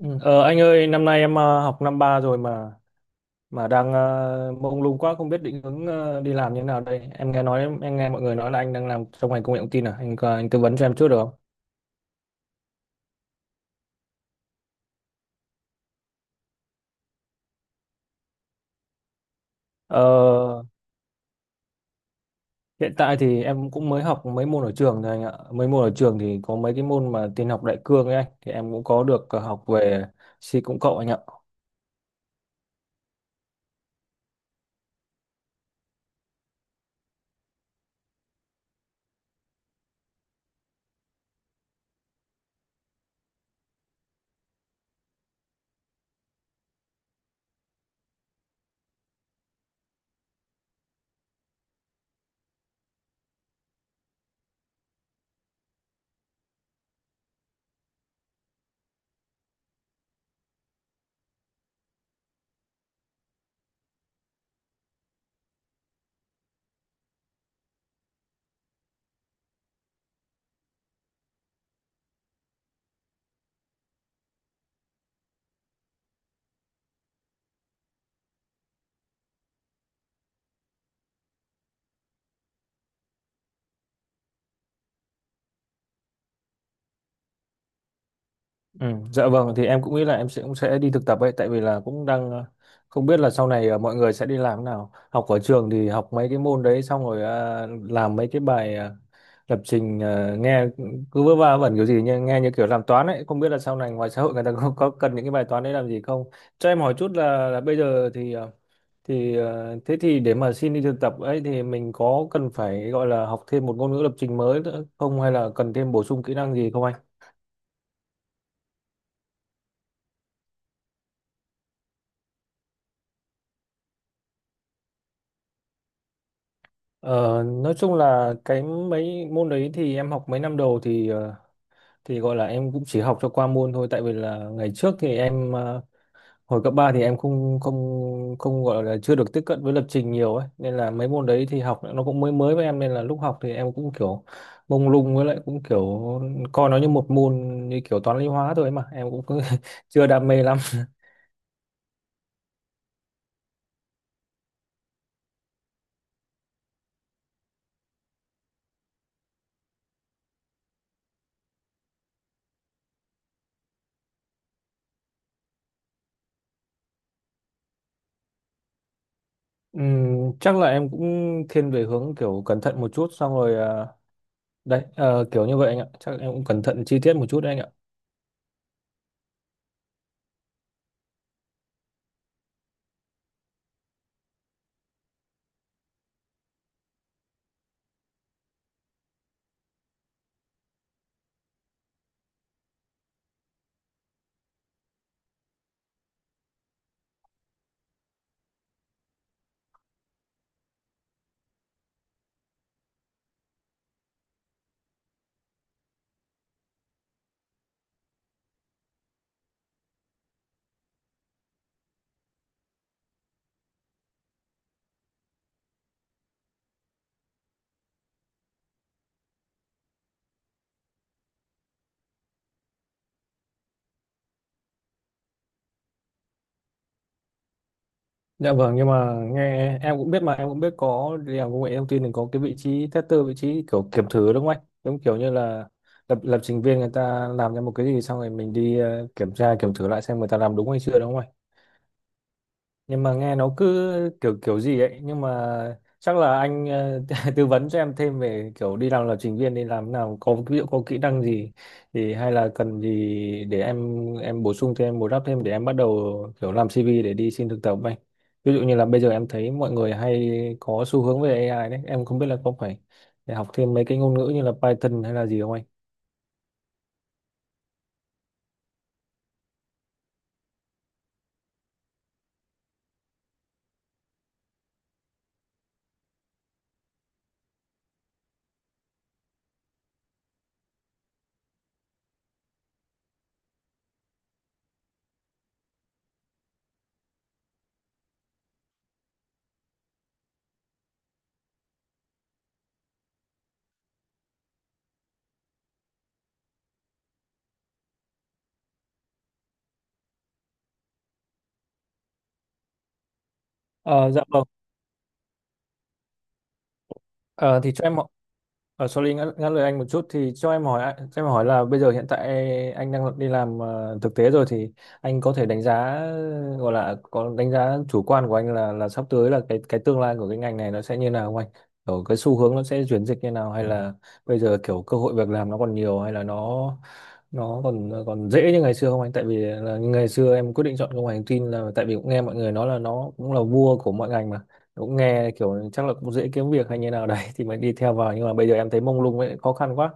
Ừ. Ờ, anh ơi, năm nay em học năm ba rồi mà đang mông lung quá, không biết định hướng đi làm như thế nào đây. Em nghe nói em nghe mọi người nói là anh đang làm trong ngành công nghệ thông tin à? Anh tư vấn cho em chút được không? Ờ, hiện tại thì em cũng mới học mấy môn ở trường thôi anh ạ. Mấy môn ở trường thì có mấy cái môn mà tin học đại cương ấy anh, thì em cũng có được học về C cộng cộng anh ạ. Ừ, dạ vâng, thì em cũng nghĩ là em sẽ cũng sẽ đi thực tập ấy, tại vì là cũng đang không biết là sau này mọi người sẽ đi làm thế nào. Học ở trường thì học mấy cái môn đấy xong rồi làm mấy cái bài lập trình, nghe cứ vớ va vẩn kiểu gì, nhưng nghe như kiểu làm toán ấy, không biết là sau này ngoài xã hội người ta có cần những cái bài toán đấy làm gì không. Cho em hỏi chút là bây giờ thế thì để mà xin đi thực tập ấy thì mình có cần phải gọi là học thêm một ngôn ngữ lập trình mới nữa không, hay là cần thêm bổ sung kỹ năng gì không anh? Ờ, nói chung là cái mấy môn đấy thì em học mấy năm đầu thì gọi là em cũng chỉ học cho qua môn thôi, tại vì là ngày trước thì em hồi cấp 3 thì em không không không gọi là chưa được tiếp cận với lập trình nhiều ấy, nên là mấy môn đấy thì học nó cũng mới mới với em, nên là lúc học thì em cũng kiểu mông lung, với lại cũng kiểu coi nó như một môn như kiểu toán lý hóa thôi ấy mà, em cũng cứ chưa đam mê lắm. Chắc là em cũng thiên về hướng kiểu cẩn thận một chút, xong rồi ờ, đấy, ờ, kiểu như vậy anh ạ. Chắc em cũng cẩn thận chi tiết một chút đấy anh ạ. Dạ vâng, nhưng mà nghe em cũng biết, mà em cũng biết có đi làm công nghệ thông tin thì có cái vị trí tester, vị trí kiểu kiểm thử đúng không anh? Giống kiểu như là lập lập trình viên người ta làm ra một cái gì xong rồi mình đi kiểm tra, kiểm thử lại xem người ta làm đúng hay chưa, đúng không anh? Nhưng mà nghe nó cứ kiểu kiểu gì ấy, nhưng mà chắc là anh ờ, tư vấn cho em thêm về kiểu đi làm lập trình viên, đi làm nào có ví dụ, có kỹ năng gì, thì hay là cần gì để em bổ sung thêm, bù đắp thêm để em bắt đầu kiểu làm CV để đi xin thực tập ấy. Ví dụ như là bây giờ em thấy mọi người hay có xu hướng về AI đấy, em không biết là có phải để học thêm mấy cái ngôn ngữ như là Python hay là gì không anh? Ờ dạ vâng. ờ, thì cho em Ờ, sorry ngắt lời anh một chút, thì cho em hỏi ạ- cho em hỏi là bây giờ hiện tại anh đang đi làm thực tế rồi, thì anh có thể đánh giá gọi là có đánh giá chủ quan của anh là sắp tới là cái tương lai của cái ngành này nó sẽ như nào không anh? Kiểu cái xu hướng nó sẽ chuyển dịch như nào, hay là bây giờ kiểu cơ hội việc làm nó còn nhiều, hay là nó còn, còn dễ như ngày xưa không anh? Tại vì là ngày xưa em quyết định chọn công nghệ thông tin là tại vì cũng nghe mọi người nói là nó cũng là vua của mọi ngành mà, cũng nghe kiểu chắc là cũng dễ kiếm việc hay như nào đấy thì mới đi theo vào, nhưng mà bây giờ em thấy mông lung ấy, khó khăn quá.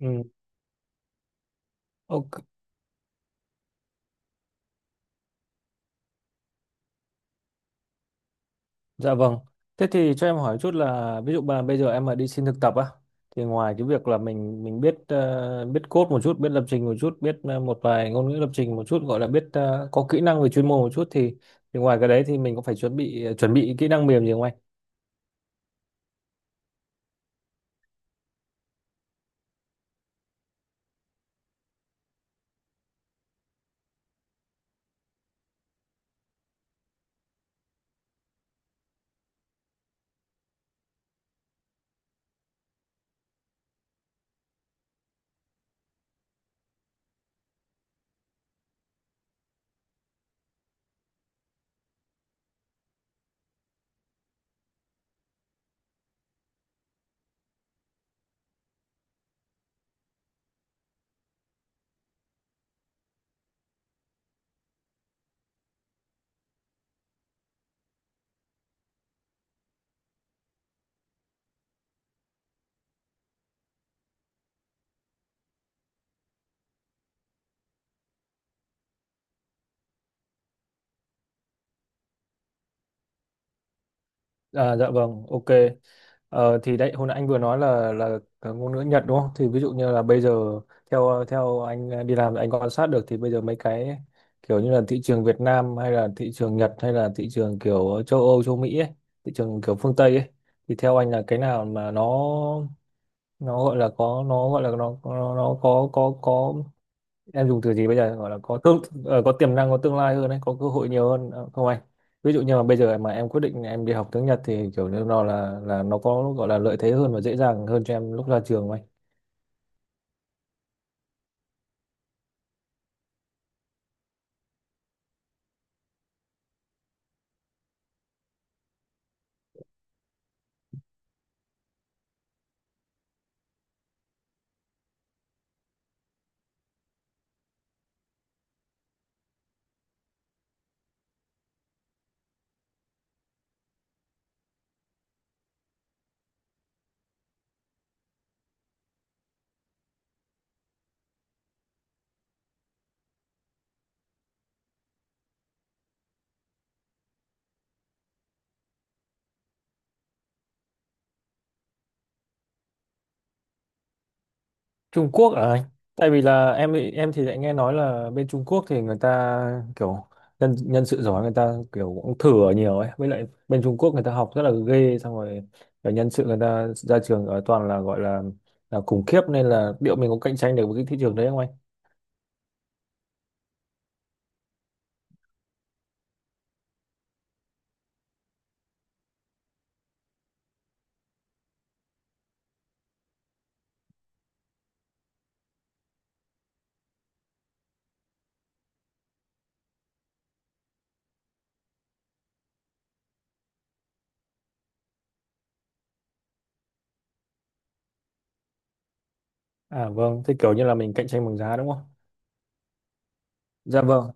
Ừ. Ok. Dạ vâng, thế thì cho em hỏi chút là ví dụ mà bây giờ em mà đi xin thực tập á, thì ngoài cái việc là mình biết ờ, biết code một chút, biết lập trình một chút, biết một vài ngôn ngữ lập trình một chút, gọi là biết có kỹ năng về chuyên môn một chút, thì ngoài cái đấy thì mình có phải chuẩn bị chuẩn bị kỹ năng mềm gì không anh? À, dạ vâng, ok. Ờ, thì đấy hồi nãy anh vừa nói là cái ngôn ngữ Nhật đúng không? Thì ví dụ như là bây giờ theo theo anh à, đi làm anh quan sát được, thì bây giờ mấy cái kiểu như là thị trường Việt Nam, hay là thị trường Nhật, hay là thị trường kiểu châu Âu, châu Mỹ ấy, thị trường kiểu phương Tây ấy, thì theo anh là cái nào mà nó gọi là có, nó gọi là nó có em dùng từ gì bây giờ, gọi là có tương ờ, có tiềm năng, có tương lai hơn đấy, có cơ hội nhiều hơn ờ, không anh? Ví dụ như mà bây giờ mà em quyết định em đi học tiếng Nhật thì kiểu như nó là nó có gọi là lợi thế hơn và dễ dàng hơn cho em lúc ra trường không anh? Trung Quốc à anh? Tại vì là em thì lại nghe nói là bên Trung Quốc thì người ta kiểu nhân nhân sự giỏi người ta kiểu cũng thử ở nhiều ấy, với lại bên Trung Quốc người ta học rất là ghê, xong rồi kiểu nhân sự người ta ra trường ở toàn là gọi là khủng khiếp, nên là liệu mình có cạnh tranh được với cái thị trường đấy không anh? À vâng, thế kiểu như là mình cạnh tranh bằng giá đúng không? Dạ vâng.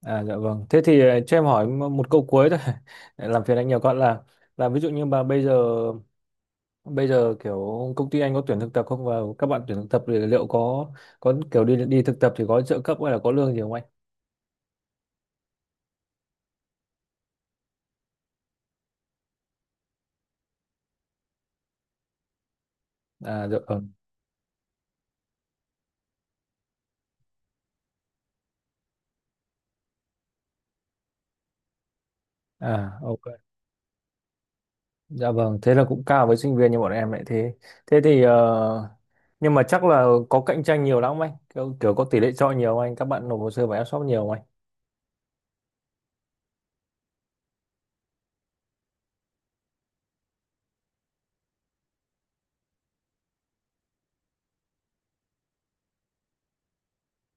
À dạ vâng. Thế thì ờ, cho em hỏi một câu cuối thôi. Để làm phiền anh nhiều con là, là ví dụ như bây giờ, bây giờ kiểu công ty anh có tuyển thực tập không, và các bạn tuyển thực tập thì liệu có kiểu đi đi thực tập thì có trợ cấp hay là có lương gì không anh? À dạ vâng. À ok. Dạ vâng, thế là cũng cao với sinh viên như bọn em lại thế. Thế thì ờ, nhưng mà chắc là có cạnh tranh nhiều lắm không anh? Kiểu có tỷ lệ chọi nhiều không anh? Các bạn nộp hồ sơ vào em shop nhiều không anh?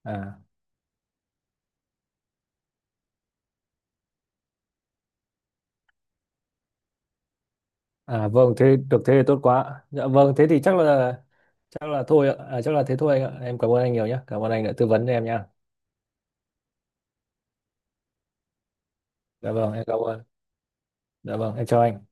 À. À vâng, thế được, thế thì tốt quá. Dạ vâng, thế thì chắc là thôi ạ. À, chắc là thế thôi anh ạ. Em cảm ơn anh nhiều nhé. Cảm ơn anh đã tư vấn cho em nha. Dạ vâng, em cảm ơn. Dạ vâng, em chào anh.